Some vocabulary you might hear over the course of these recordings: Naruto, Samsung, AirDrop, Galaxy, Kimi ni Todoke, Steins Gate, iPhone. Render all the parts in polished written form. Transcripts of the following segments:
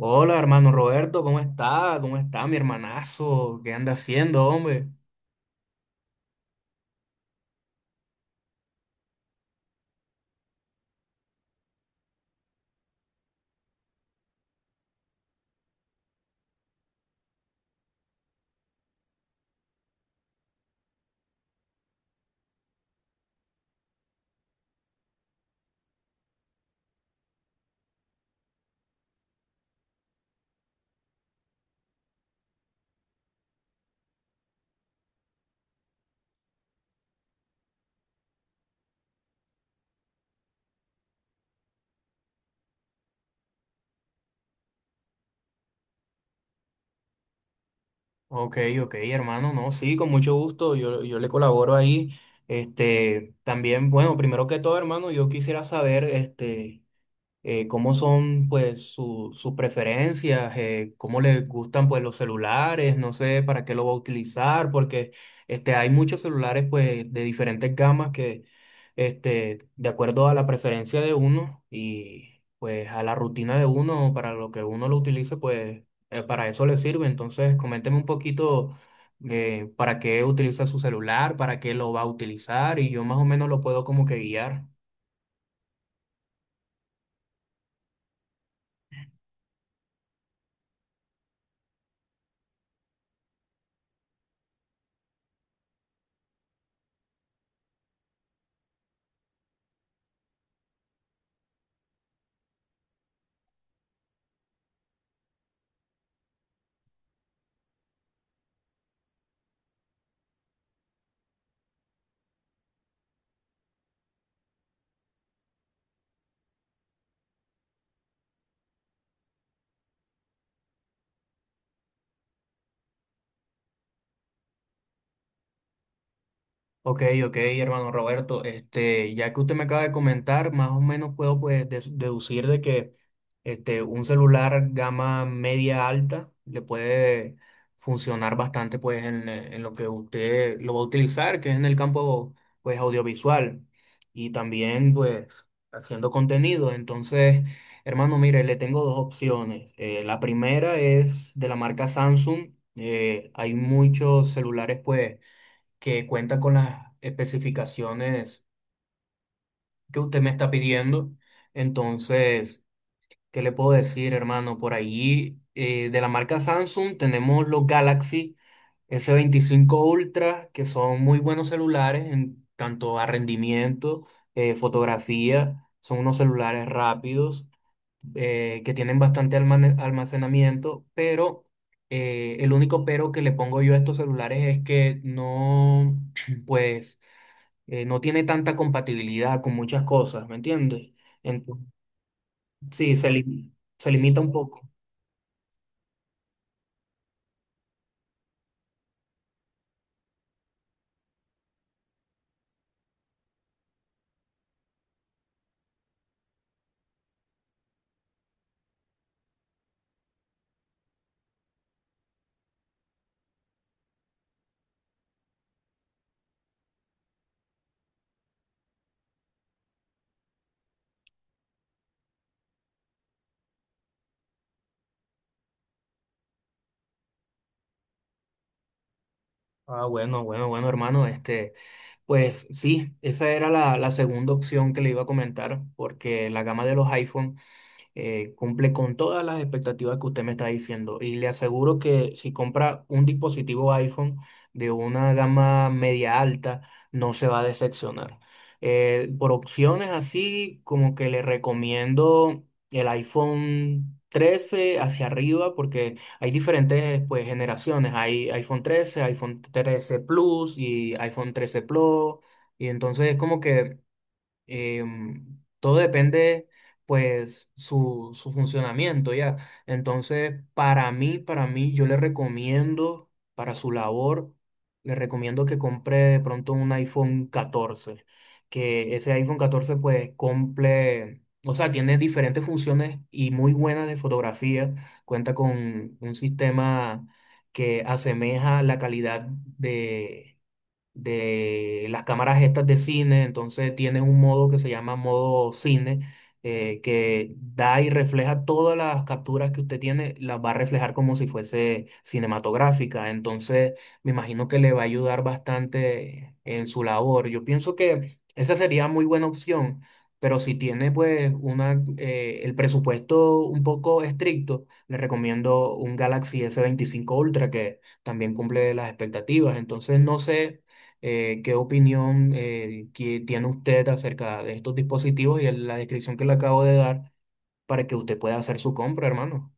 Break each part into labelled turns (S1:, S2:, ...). S1: Hola, hermano Roberto, ¿cómo está? ¿Cómo está mi hermanazo? ¿Qué anda haciendo, hombre? Ok, ok, hermano, no, sí, con mucho gusto, yo le colaboro ahí. También, bueno, primero que todo, hermano, yo quisiera saber, cómo son pues sus preferencias, cómo les gustan pues los celulares, no sé para qué lo va a utilizar, porque hay muchos celulares pues de diferentes gamas que de acuerdo a la preferencia de uno y pues a la rutina de uno, para lo que uno lo utilice, pues para eso le sirve. Entonces, coménteme un poquito. Para qué utiliza su celular, para qué lo va a utilizar y yo más o menos lo puedo como que guiar. Ok, ok, hermano Roberto, ya que usted me acaba de comentar, más o menos puedo pues deducir de que un celular gama media alta le puede funcionar bastante pues en lo que usted lo va a utilizar, que es en el campo pues audiovisual y también pues haciendo contenido. Entonces, hermano, mire, le tengo dos opciones. La primera es de la marca Samsung. Hay muchos celulares pues que cuenta con las especificaciones que usted me está pidiendo. Entonces, ¿qué le puedo decir, hermano? Por ahí, de la marca Samsung tenemos los Galaxy S25 Ultra, que son muy buenos celulares en tanto a rendimiento, fotografía, son unos celulares rápidos que tienen bastante almacenamiento, pero el único pero que le pongo yo a estos celulares es que no, pues, no tiene tanta compatibilidad con muchas cosas, ¿me entiendes? Entonces, sí, se limita un poco. Ah, bueno, bueno, bueno, hermano, pues sí, esa era la segunda opción que le iba a comentar, porque la gama de los iPhone cumple con todas las expectativas que usted me está diciendo y le aseguro que si compra un dispositivo iPhone de una gama media alta, no se va a decepcionar. Por opciones así, como que le recomiendo el iPhone 13 hacia arriba porque hay diferentes pues, generaciones. Hay iPhone 13 iPhone 13 Plus y iPhone 13 Pro. Y entonces es como que todo depende, pues, su funcionamiento, ¿ya? Entonces, para mí, yo le recomiendo, para su labor, le recomiendo que compre de pronto un iPhone 14 que ese iPhone 14 pues, cumple, o sea, tiene diferentes funciones y muy buenas de fotografía, cuenta con un sistema que asemeja la calidad de las cámaras estas de cine, entonces tienes un modo que se llama modo cine, que da y refleja todas las capturas que usted tiene, las va a reflejar como si fuese cinematográfica, entonces me imagino que le va a ayudar bastante en su labor. Yo pienso que esa sería muy buena opción, pero si tiene pues una, el presupuesto un poco estricto, le recomiendo un Galaxy S25 Ultra que también cumple las expectativas, entonces no sé qué opinión que tiene usted acerca de estos dispositivos y la descripción que le acabo de dar para que usted pueda hacer su compra, hermano.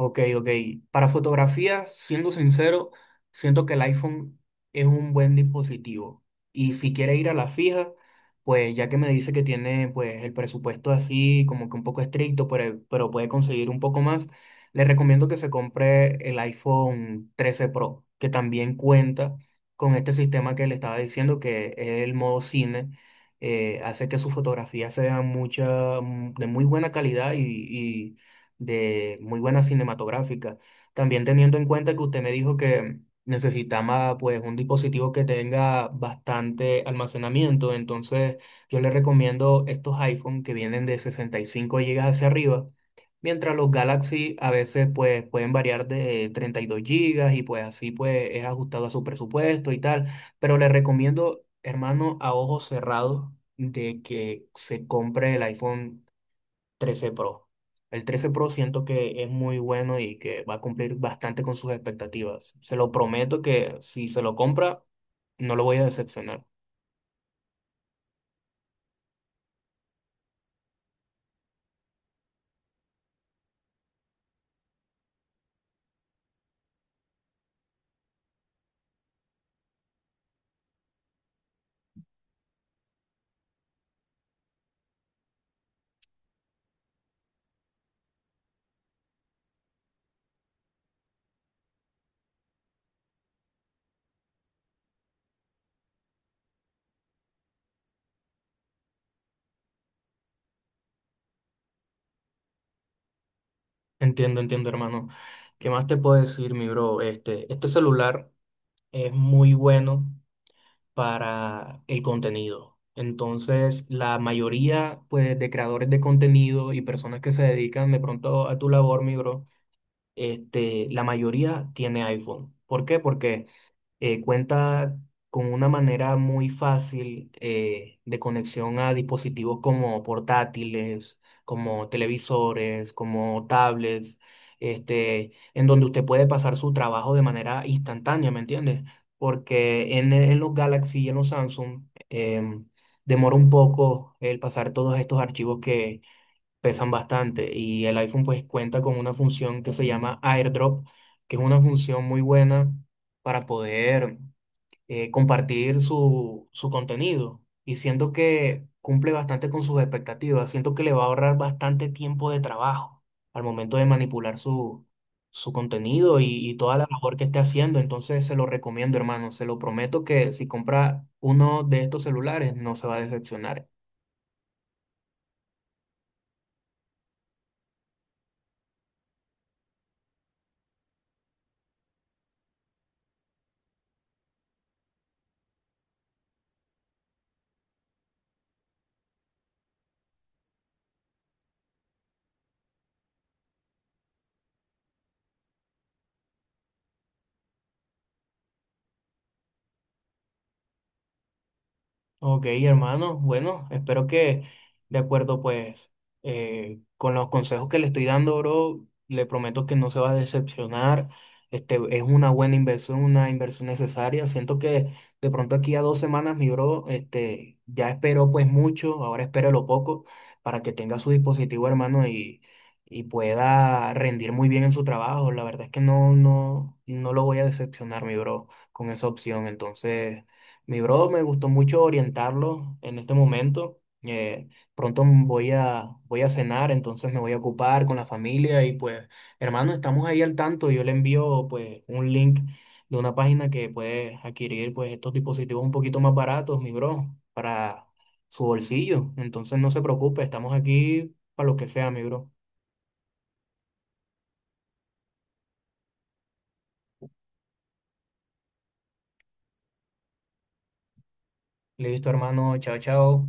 S1: Ok, ok. Para fotografía, siendo sincero, siento que el iPhone es un buen dispositivo. Y si quiere ir a la fija, pues ya que me dice que tiene pues el presupuesto así como que un poco estricto, pero puede conseguir un poco más, le recomiendo que se compre el iPhone 13 Pro, que también cuenta con este sistema que le estaba diciendo, que es el modo cine. Hace que sus fotografías sean de muy buena calidad y, de muy buena cinematográfica. También teniendo en cuenta que usted me dijo que necesitaba pues un dispositivo que tenga bastante almacenamiento, entonces yo le recomiendo estos iPhone que vienen de 65 gigas hacia arriba. Mientras los Galaxy a veces pues pueden variar de 32 gigas y pues así pues es ajustado a su presupuesto y tal, pero le recomiendo, hermano, a ojos cerrados de que se compre el iPhone 13 Pro. El 13 Pro siento que es muy bueno y que va a cumplir bastante con sus expectativas. Se lo prometo que si se lo compra, no lo voy a decepcionar. Entiendo, entiendo, hermano. ¿Qué más te puedo decir, mi bro? Este celular es muy bueno para el contenido. Entonces, la mayoría, pues, de creadores de contenido y personas que se dedican de pronto a tu labor, mi bro, la mayoría tiene iPhone. ¿Por qué? Porque cuenta con una manera muy fácil de conexión a dispositivos como portátiles, como televisores, como tablets, en donde usted puede pasar su trabajo de manera instantánea, ¿me entiendes? Porque en los Galaxy y en los Samsung demora un poco el pasar todos estos archivos pesan bastante y el iPhone pues cuenta con una función que se llama AirDrop, que es una función muy buena para poder compartir su contenido y siento que cumple bastante con sus expectativas, siento que le va a ahorrar bastante tiempo de trabajo al momento de manipular su contenido y toda la labor que esté haciendo, entonces se lo recomiendo hermano, se lo prometo que si compra uno de estos celulares no se va a decepcionar. Ok, hermano. Bueno, espero que de acuerdo, pues, con los consejos que le estoy dando, bro, le prometo que no se va a decepcionar. Este, es una buena inversión, una inversión necesaria. Siento que de pronto aquí a 2 semanas, mi bro, ya esperó pues mucho, ahora espere lo poco para que tenga su dispositivo, hermano, y pueda rendir muy bien en su trabajo. La verdad es que no, no, no lo voy a decepcionar, mi bro, con esa opción. Entonces. Mi bro, me gustó mucho orientarlo en este momento. Pronto voy a cenar, entonces me voy a ocupar con la familia y pues, hermano, estamos ahí al tanto. Yo le envío pues un link de una página que puede adquirir pues estos dispositivos un poquito más baratos, mi bro, para su bolsillo. Entonces no se preocupe, estamos aquí para lo que sea, mi bro. Listo, hermano, chao, chao.